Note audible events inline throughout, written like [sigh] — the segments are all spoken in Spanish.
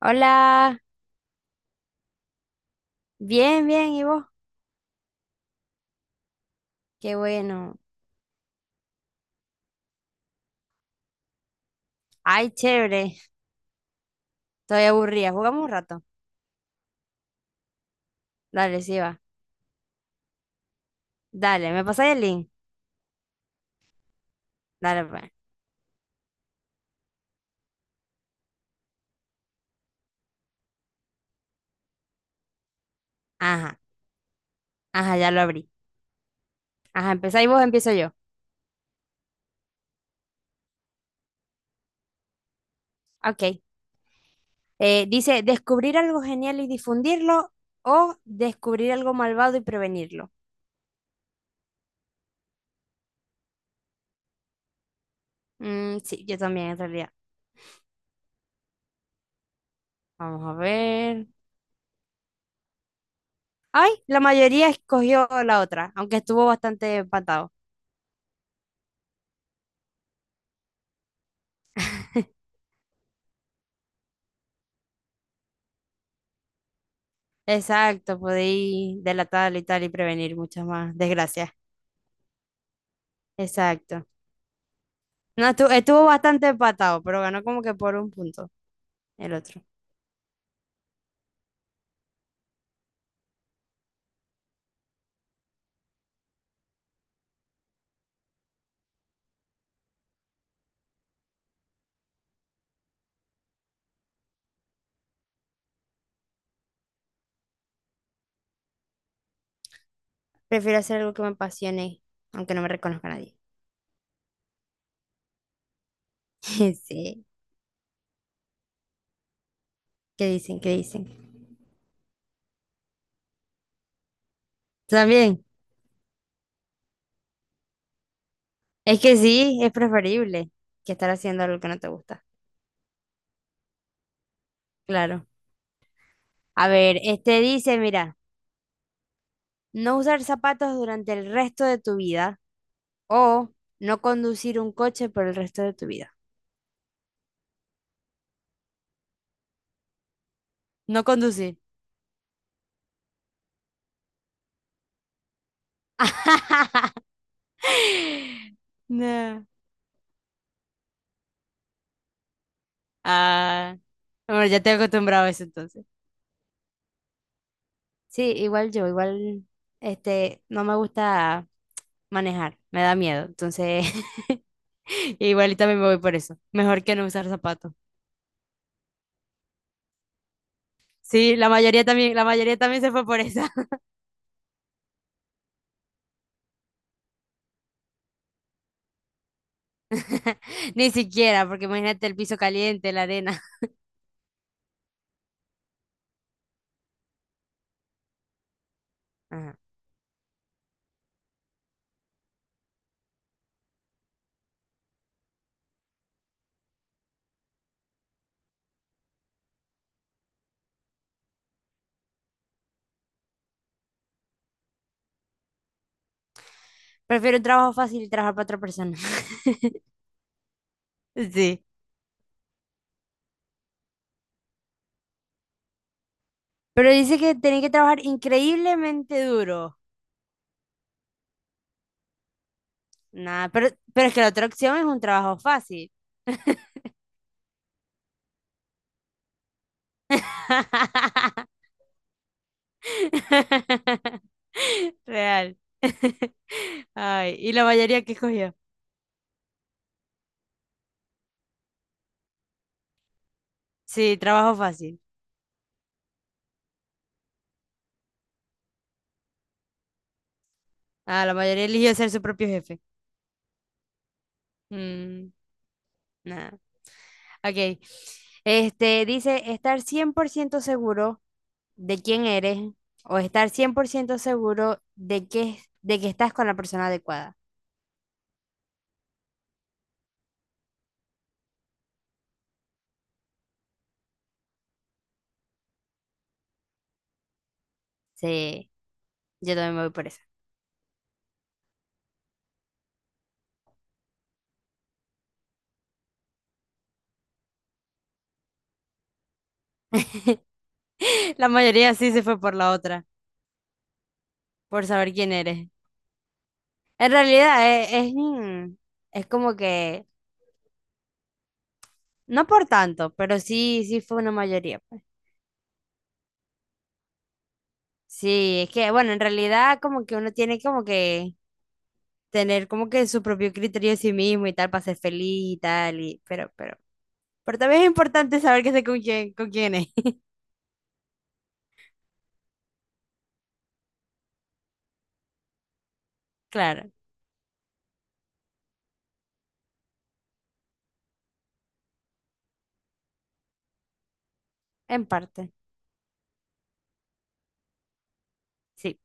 Hola, bien, bien, ¿y vos? Qué bueno. Ay, chévere. Estoy aburrida. Jugamos un rato. Dale, sí va. Dale, ¿me pasáis el link? Dale, pues. Ajá, ajá, ya lo abrí. Ajá, empezáis vos, empiezo yo. Ok. Dice, descubrir algo genial y difundirlo o descubrir algo malvado y prevenirlo. Mm, sí, yo también, en realidad. Vamos a ver. Ay, la mayoría escogió la otra, aunque estuvo bastante empatado. [laughs] Exacto, podéis delatarlo y tal y prevenir muchas más desgracias. Exacto. No, estuvo bastante empatado, pero ganó como que por un punto el otro. Prefiero hacer algo que me apasione, aunque no me reconozca nadie. [laughs] Sí, ¿qué dicen? ¿Qué dicen? También, es que sí, es preferible que estar haciendo algo que no te gusta. Claro. A ver, este dice, mira, no usar zapatos durante el resto de tu vida o no conducir un coche por el resto de tu vida. No conducir. [laughs] [laughs] No. Ah, bueno, ya te he acostumbrado a eso entonces. Sí, igual yo, igual, este, no me gusta manejar, me da miedo. Entonces, [laughs] igual y también me voy por eso. Mejor que no usar zapatos. Sí, la mayoría también se fue por eso. [laughs] Ni siquiera, porque imagínate el piso caliente, la arena. Ajá. Prefiero un trabajo fácil y trabajar para otra persona. [laughs] Sí. Pero dice que tenés que trabajar increíblemente duro. Nada, pero es que la otra opción es un trabajo fácil. [laughs] Real. [laughs] Ay, ¿y la mayoría que escogió? Sí, trabajo fácil. Ah, la mayoría eligió ser su propio jefe. Mm, nada. Ok. Este dice estar 100% seguro de quién eres o estar 100% seguro de que estás con la persona adecuada. Sí, yo también me voy por eso. [laughs] [laughs] La mayoría sí se fue por la otra, por saber quién eres. En realidad es, es, como que, no por tanto, pero sí, sí fue una mayoría pues. Sí, es que, bueno, en realidad como que uno tiene como que tener como que su propio criterio de sí mismo y tal para ser feliz y tal, y, pero también es importante saber que sé con quién es. [laughs] Claro, en parte, sí.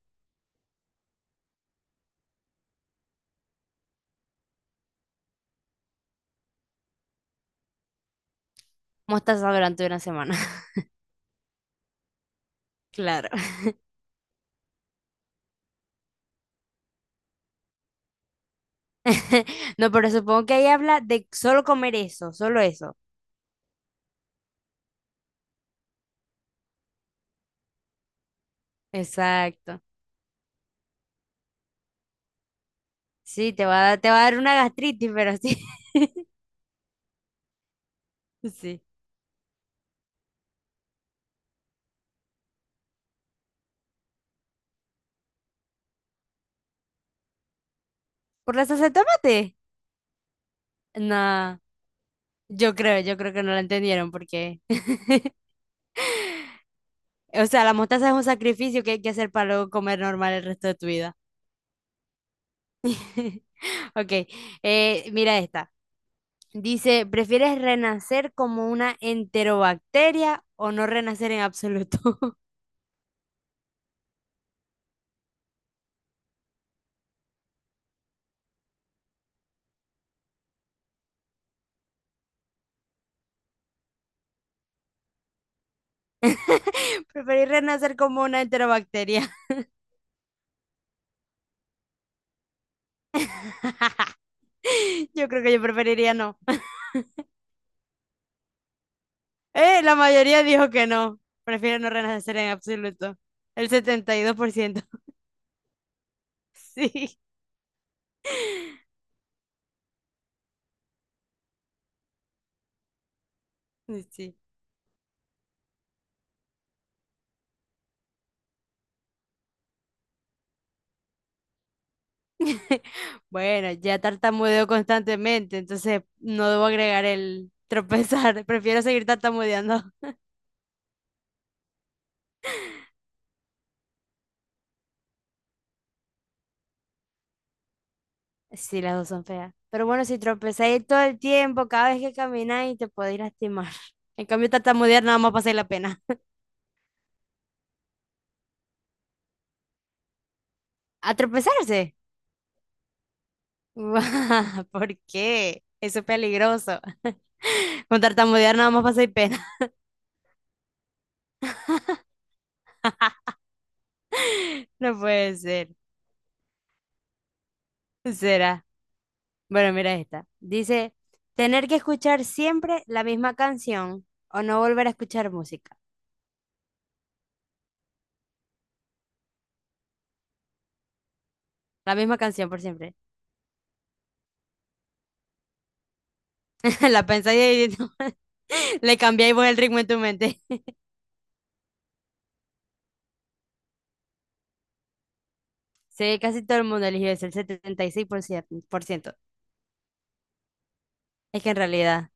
Mostaza durante una semana, [laughs] claro. [laughs] No, pero supongo que ahí habla de solo comer eso, solo eso. Exacto. Sí, te va a, te va a dar una gastritis, pero sí. [laughs] Sí. ¿Por la salsa de tomate? No, yo creo que no la entendieron porque... [laughs] O sea, la mostaza es un sacrificio que hay que hacer para luego comer normal el resto de tu vida. [laughs] Ok, mira esta. Dice, ¿prefieres renacer como una enterobacteria o no renacer en absoluto? [laughs] Preferir renacer como una enterobacteria. [laughs] Yo creo que yo preferiría no. La mayoría dijo que no. Prefiere no renacer en absoluto. El 72%. [laughs] Sí, sí. Bueno, ya tartamudeo constantemente, entonces no debo agregar el tropezar. [laughs] Prefiero seguir tartamudeando. Sí, las dos son feas. Pero bueno, si tropezáis todo el tiempo, cada vez que camináis, te podéis lastimar. En cambio, tartamudear nada más pasáis la pena. ¿A tropezarse? [laughs] ¿Por qué? Eso es peligroso. [laughs] Con tartamudear nada más pasáis pena. No puede ser. Será. Bueno, mira esta. Dice, tener que escuchar siempre la misma canción o no volver a escuchar música. La misma canción por siempre. [laughs] La pensáis y no, [laughs] le cambiáis vos el ritmo en tu mente. [laughs] Sí, casi todo el mundo eligió eso, el 76% por ciento. Es que en realidad,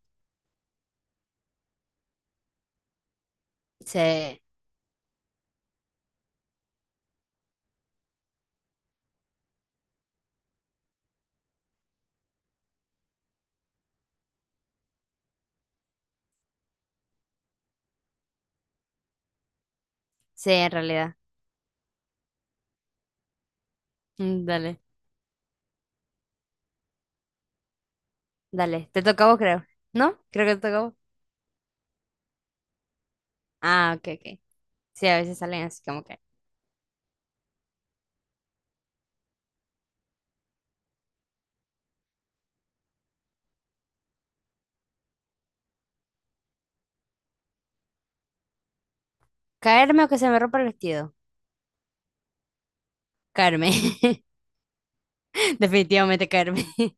sí, sí, en realidad. Dale, dale. Te toca a vos, creo. ¿No? Creo que te toca a vos. Ah, ok, ok. Sí, a veces salen así como que. ¿Caerme o que se me rompa el vestido? Caerme. [laughs] Definitivamente caerme, [laughs]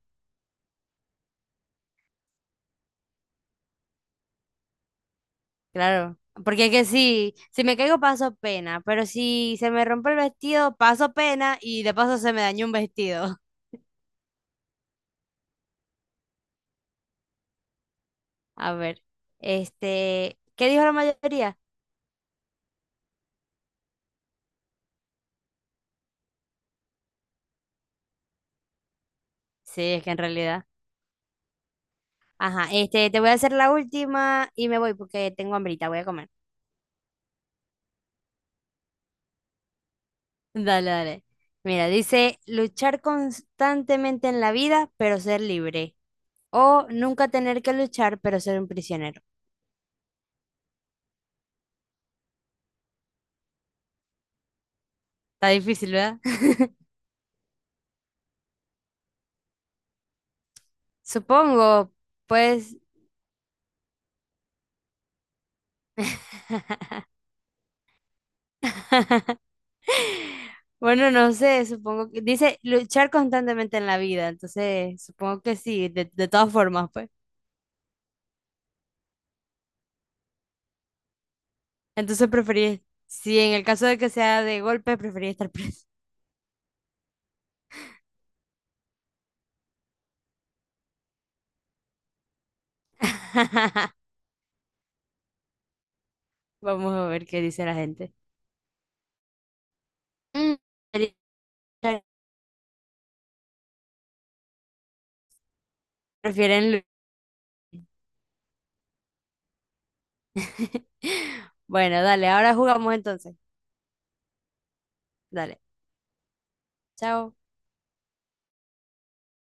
claro. Porque es que sí, si me caigo paso pena, pero si se me rompe el vestido, paso pena y de paso se me dañó un vestido. [laughs] A ver, este, ¿qué dijo la mayoría? Sí, es que en realidad. Ajá, este, te voy a hacer la última y me voy porque tengo hambrita, voy a comer. Dale, dale. Mira, dice luchar constantemente en la vida, pero ser libre. O nunca tener que luchar, pero ser un prisionero. Está difícil, ¿verdad? [laughs] Supongo, pues. [laughs] Bueno, no sé, supongo que dice luchar constantemente en la vida, entonces supongo que sí, de todas formas, pues. Entonces preferí, si en el caso de que sea de golpe, preferí estar preso. [laughs] Vamos a ver qué dice la gente. Mm, prefieren [laughs] bueno, dale, ahora jugamos entonces. Dale, chao.